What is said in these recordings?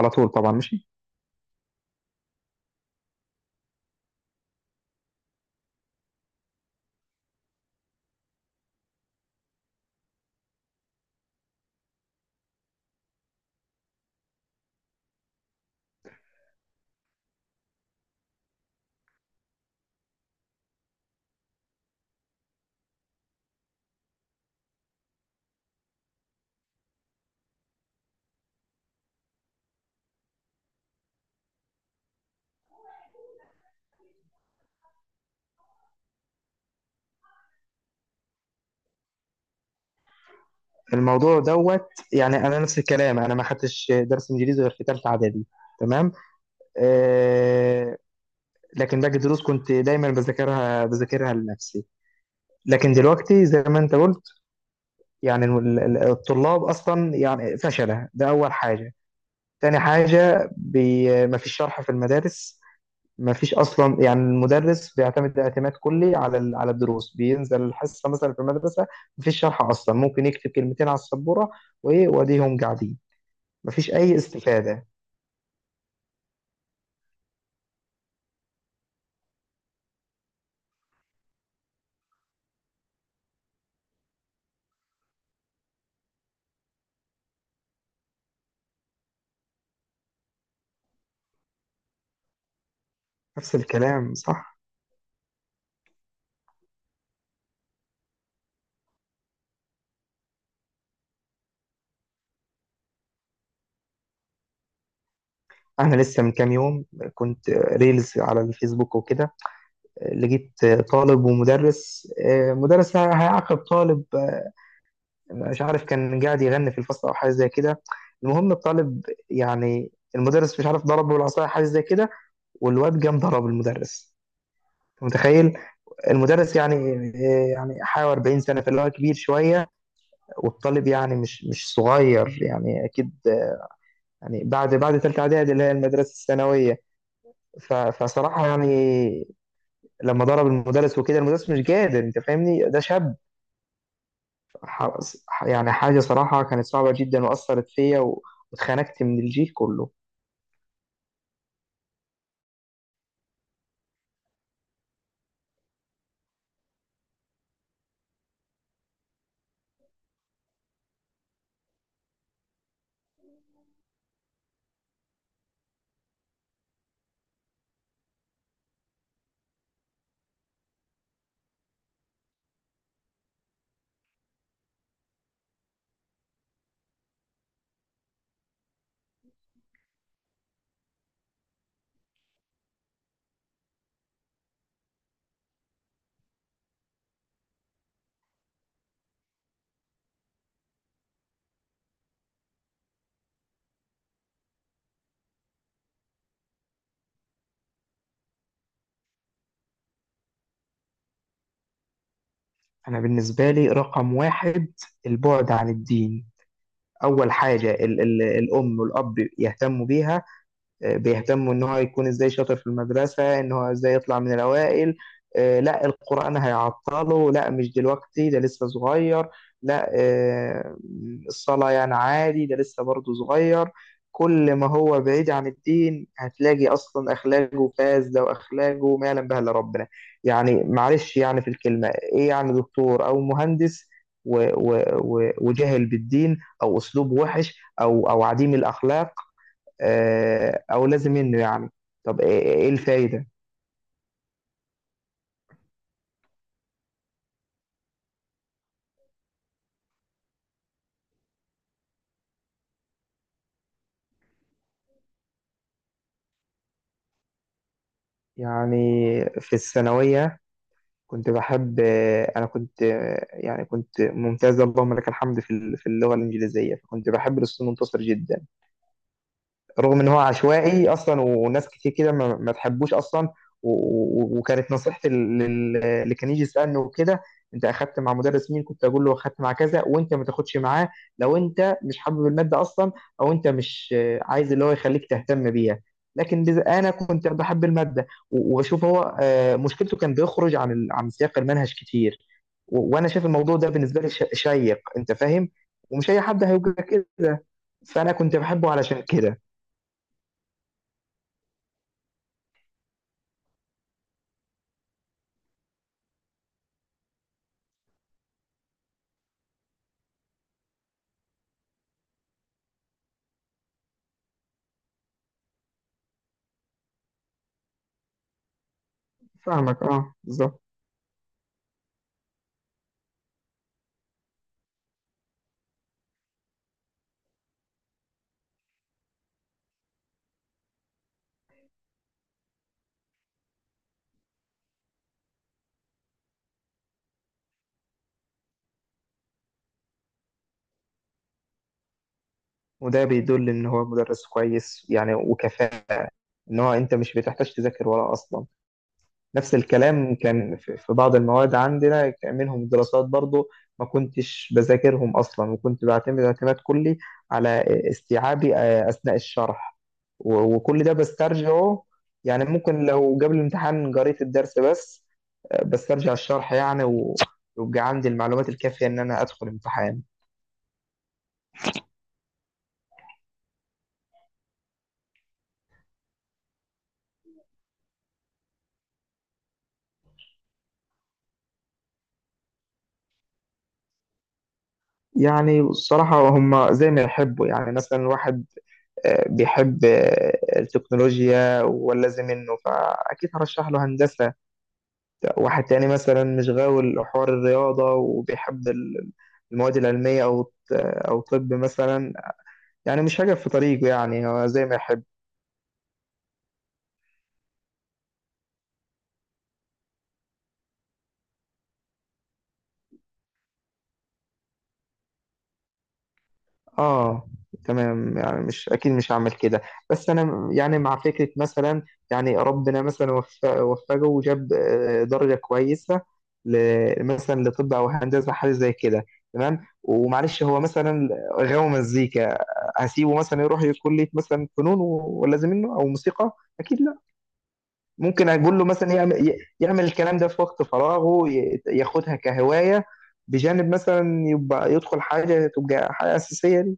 على طول طبعا، ماشي. الموضوع دوت. يعني انا نفس الكلام، انا ما خدتش درس انجليزي غير في ثالثه اعدادي. تمام. آه. لكن باقي الدروس كنت دايما بذاكرها لنفسي. لكن دلوقتي زي ما انت قلت، يعني الطلاب اصلا يعني فشله، ده اول حاجه. تاني حاجة مفيش شرح في المدارس. مفيش أصلا، يعني المدرس بيعتمد اعتماد كلي على على الدروس، بينزل الحصة مثلا في المدرسة مفيش شرح أصلا، ممكن يكتب كلمتين على السبورة وإيه وأديهم قاعدين، مفيش أي استفادة. نفس الكلام، صح. أنا لسه من كام يوم كنت ريلز على الفيسبوك وكده، لقيت طالب ومدرس، مدرس هيعاقب طالب، مش عارف كان قاعد يغني في الفصل او حاجه زي كده. المهم الطالب، يعني المدرس مش عارف ضربه بالعصايه حاجه زي كده، والواد قام ضرب المدرس. متخيل؟ المدرس يعني يعني حوالي 40 سنه، فاللي هو كبير شويه، والطالب يعني مش صغير يعني اكيد، يعني بعد ثالثه اعدادي اللي هي المدرسه الثانويه. فصراحه يعني لما ضرب المدرس وكده المدرس مش قادر، انت فاهمني؟ ده شاب. يعني حاجه صراحه كانت صعبه جدا واثرت فيا واتخنقت من الجيل كله. أنا بالنسبة لي رقم واحد البعد عن الدين. أول حاجة ال الأم والأب يهتموا بيها، بيهتموا ان هو يكون ازاي شاطر في المدرسة، ان هو ازاي يطلع من الاوائل. لا، القرآن هيعطله، لا مش دلوقتي ده لسه صغير، لا الصلاة يعني عادي ده لسه برضه صغير. كل ما هو بعيد عن الدين هتلاقي اصلا اخلاقه فاسده، واخلاقه ما يعلم بها الا ربنا. يعني معلش، يعني في الكلمه ايه، يعني دكتور او مهندس و- وجاهل بالدين او اسلوب وحش او او عديم الاخلاق، او لازم منه يعني، طب ايه إيه الفايده؟ يعني في الثانويه كنت بحب، انا كنت يعني كنت ممتاز اللهم لك الحمد في في اللغه الانجليزيه، فكنت بحب الاستاذ منتصر جدا. رغم ان هو عشوائي اصلا وناس كتير كده ما تحبوش اصلا. و- وكانت نصيحتي اللي كان يجي يسالني وكده، انت اخدت مع مدرس مين، كنت اقول له اخدت مع كذا وانت ما تاخدش معاه، لو انت مش حابب الماده اصلا او انت مش عايز اللي هو يخليك تهتم بيها. لكن انا كنت بحب الماده واشوف هو مشكلته كان بيخرج عن عن سياق المنهج كتير، وانا شايف الموضوع ده بالنسبه لي شيق، انت فاهم؟ ومش اي حد هيبقى كده، فانا كنت بحبه علشان كده. فاهمك، اه، بالظبط. وده بيدل ان هو مدرس كويس يعني وكفاءة، ان هو انت مش بتحتاج تذاكر وراه اصلا. نفس الكلام كان في بعض المواد عندنا، كان منهم دراسات برضو، ما كنتش بذاكرهم اصلا، وكنت بعتمد اعتماد كلي على استيعابي اثناء الشرح، وكل ده بسترجعه. يعني ممكن لو قبل الامتحان قريت الدرس بس، بسترجع الشرح يعني، ويبقى عندي المعلومات الكافية ان انا ادخل امتحان. يعني الصراحة هم زي ما يحبوا، يعني مثلا واحد بيحب التكنولوجيا ولازم منه، فأكيد هرشح له هندسة. واحد تاني مثلا مش غاوي حوار الرياضة وبيحب المواد العلمية أو أو طب مثلا، يعني مش هجف في طريقه، يعني هو زي ما يحب. اه. تمام، يعني مش، اكيد مش هعمل كده، بس انا يعني مع فكره مثلا، يعني ربنا مثلا وفقه وجاب درجه كويسه، مثلا لطب او هندسه حاجه زي كده، تمام، ومعلش هو مثلا غاوي مزيكا، هسيبه مثلا يروح كليه مثلا فنون ولا زي منه او موسيقى، اكيد لا. ممكن اقول له مثلا يعمل يعمل الكلام ده في وقت فراغه، ياخدها كهوايه بجانب مثلا يبقى يدخل حاجه تبقى حاجه اساسيه.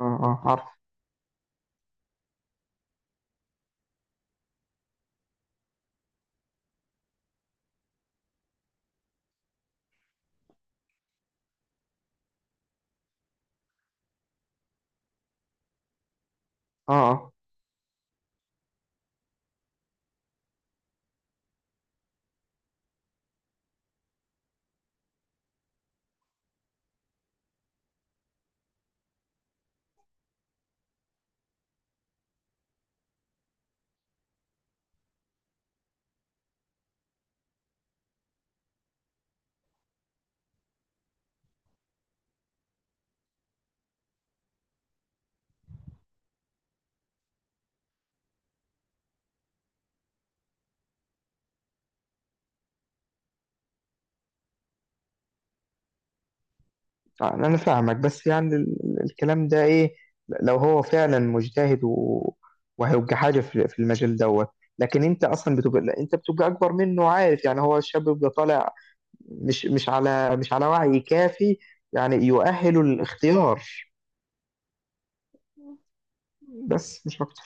اه، اه، عارف. اه، اه، انا فاهمك، بس يعني الكلام ده ايه، لو هو فعلا مجتهد وهيبقى حاجه في المجال دوت، لكن انت اصلا بتبقى، لا، انت بتبقى اكبر منه، عارف يعني؟ هو الشاب بيبقى طالع مش على وعي كافي يعني يؤهله للاختيار، بس مش اكتر.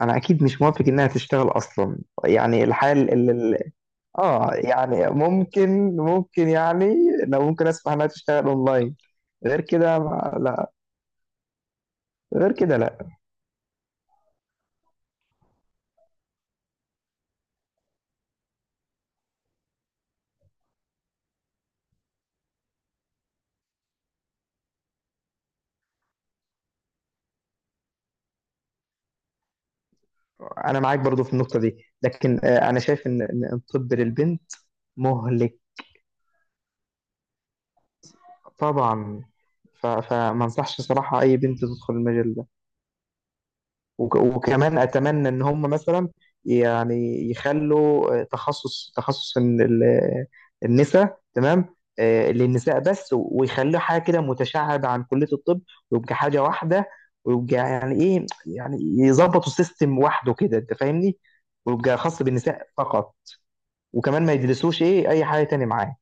انا اكيد مش موافق انها تشتغل اصلا. يعني الحال اه، يعني ممكن يعني لو ممكن اسمح انها تشتغل اونلاين، غير كده لا. غير كده لا. انا معاك برضو في النقطه دي، لكن انا شايف ان ان الطب للبنت مهلك. طبعا. فما انصحش صراحه اي بنت تدخل المجال ده. وكمان اتمنى ان هم مثلا يعني يخلوا تخصص النساء، تمام، للنساء بس، ويخلوا حاجه كده متشعبه عن كليه الطب، ويبقى حاجه واحده، ويبقى يعني ايه، يعني يظبطوا سيستم وحده كده، انت فاهمني؟ ويبقى خاص بالنساء فقط، وكمان ما يدرسوش ايه اي حاجه تاني معاه.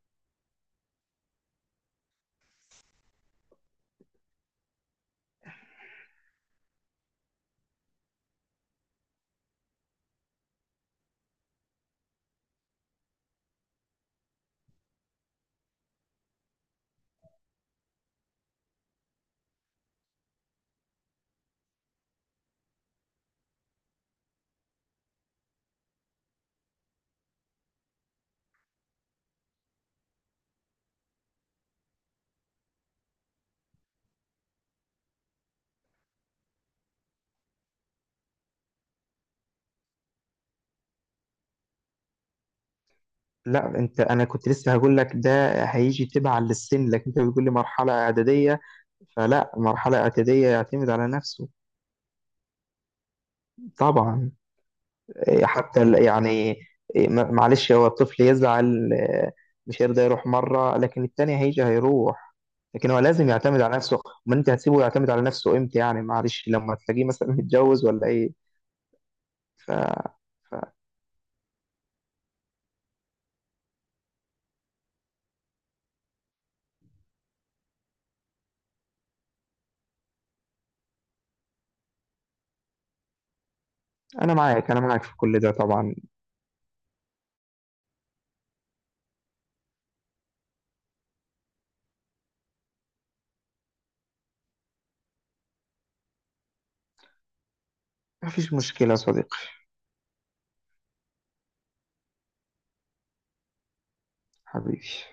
لا، انت انا كنت لسه هقول لك ده، هيجي تبع للسن، لكن انت بتقول لي مرحله اعداديه، فلا مرحله اعداديه يعتمد على نفسه. طبعا. حتى يعني معلش، هو الطفل يزعل مش هيرضى يروح مره، لكن التاني هيجي هيروح، لكن هو لازم يعتمد على نفسه. امال انت هتسيبه يعتمد على نفسه امتى؟ يعني معلش لما تلاقيه مثلا متجوز ولا ايه؟ ف... فانا معاك، انا معاك في كل ده طبعا. مفيش مشكله يا صديقي. حبيبي.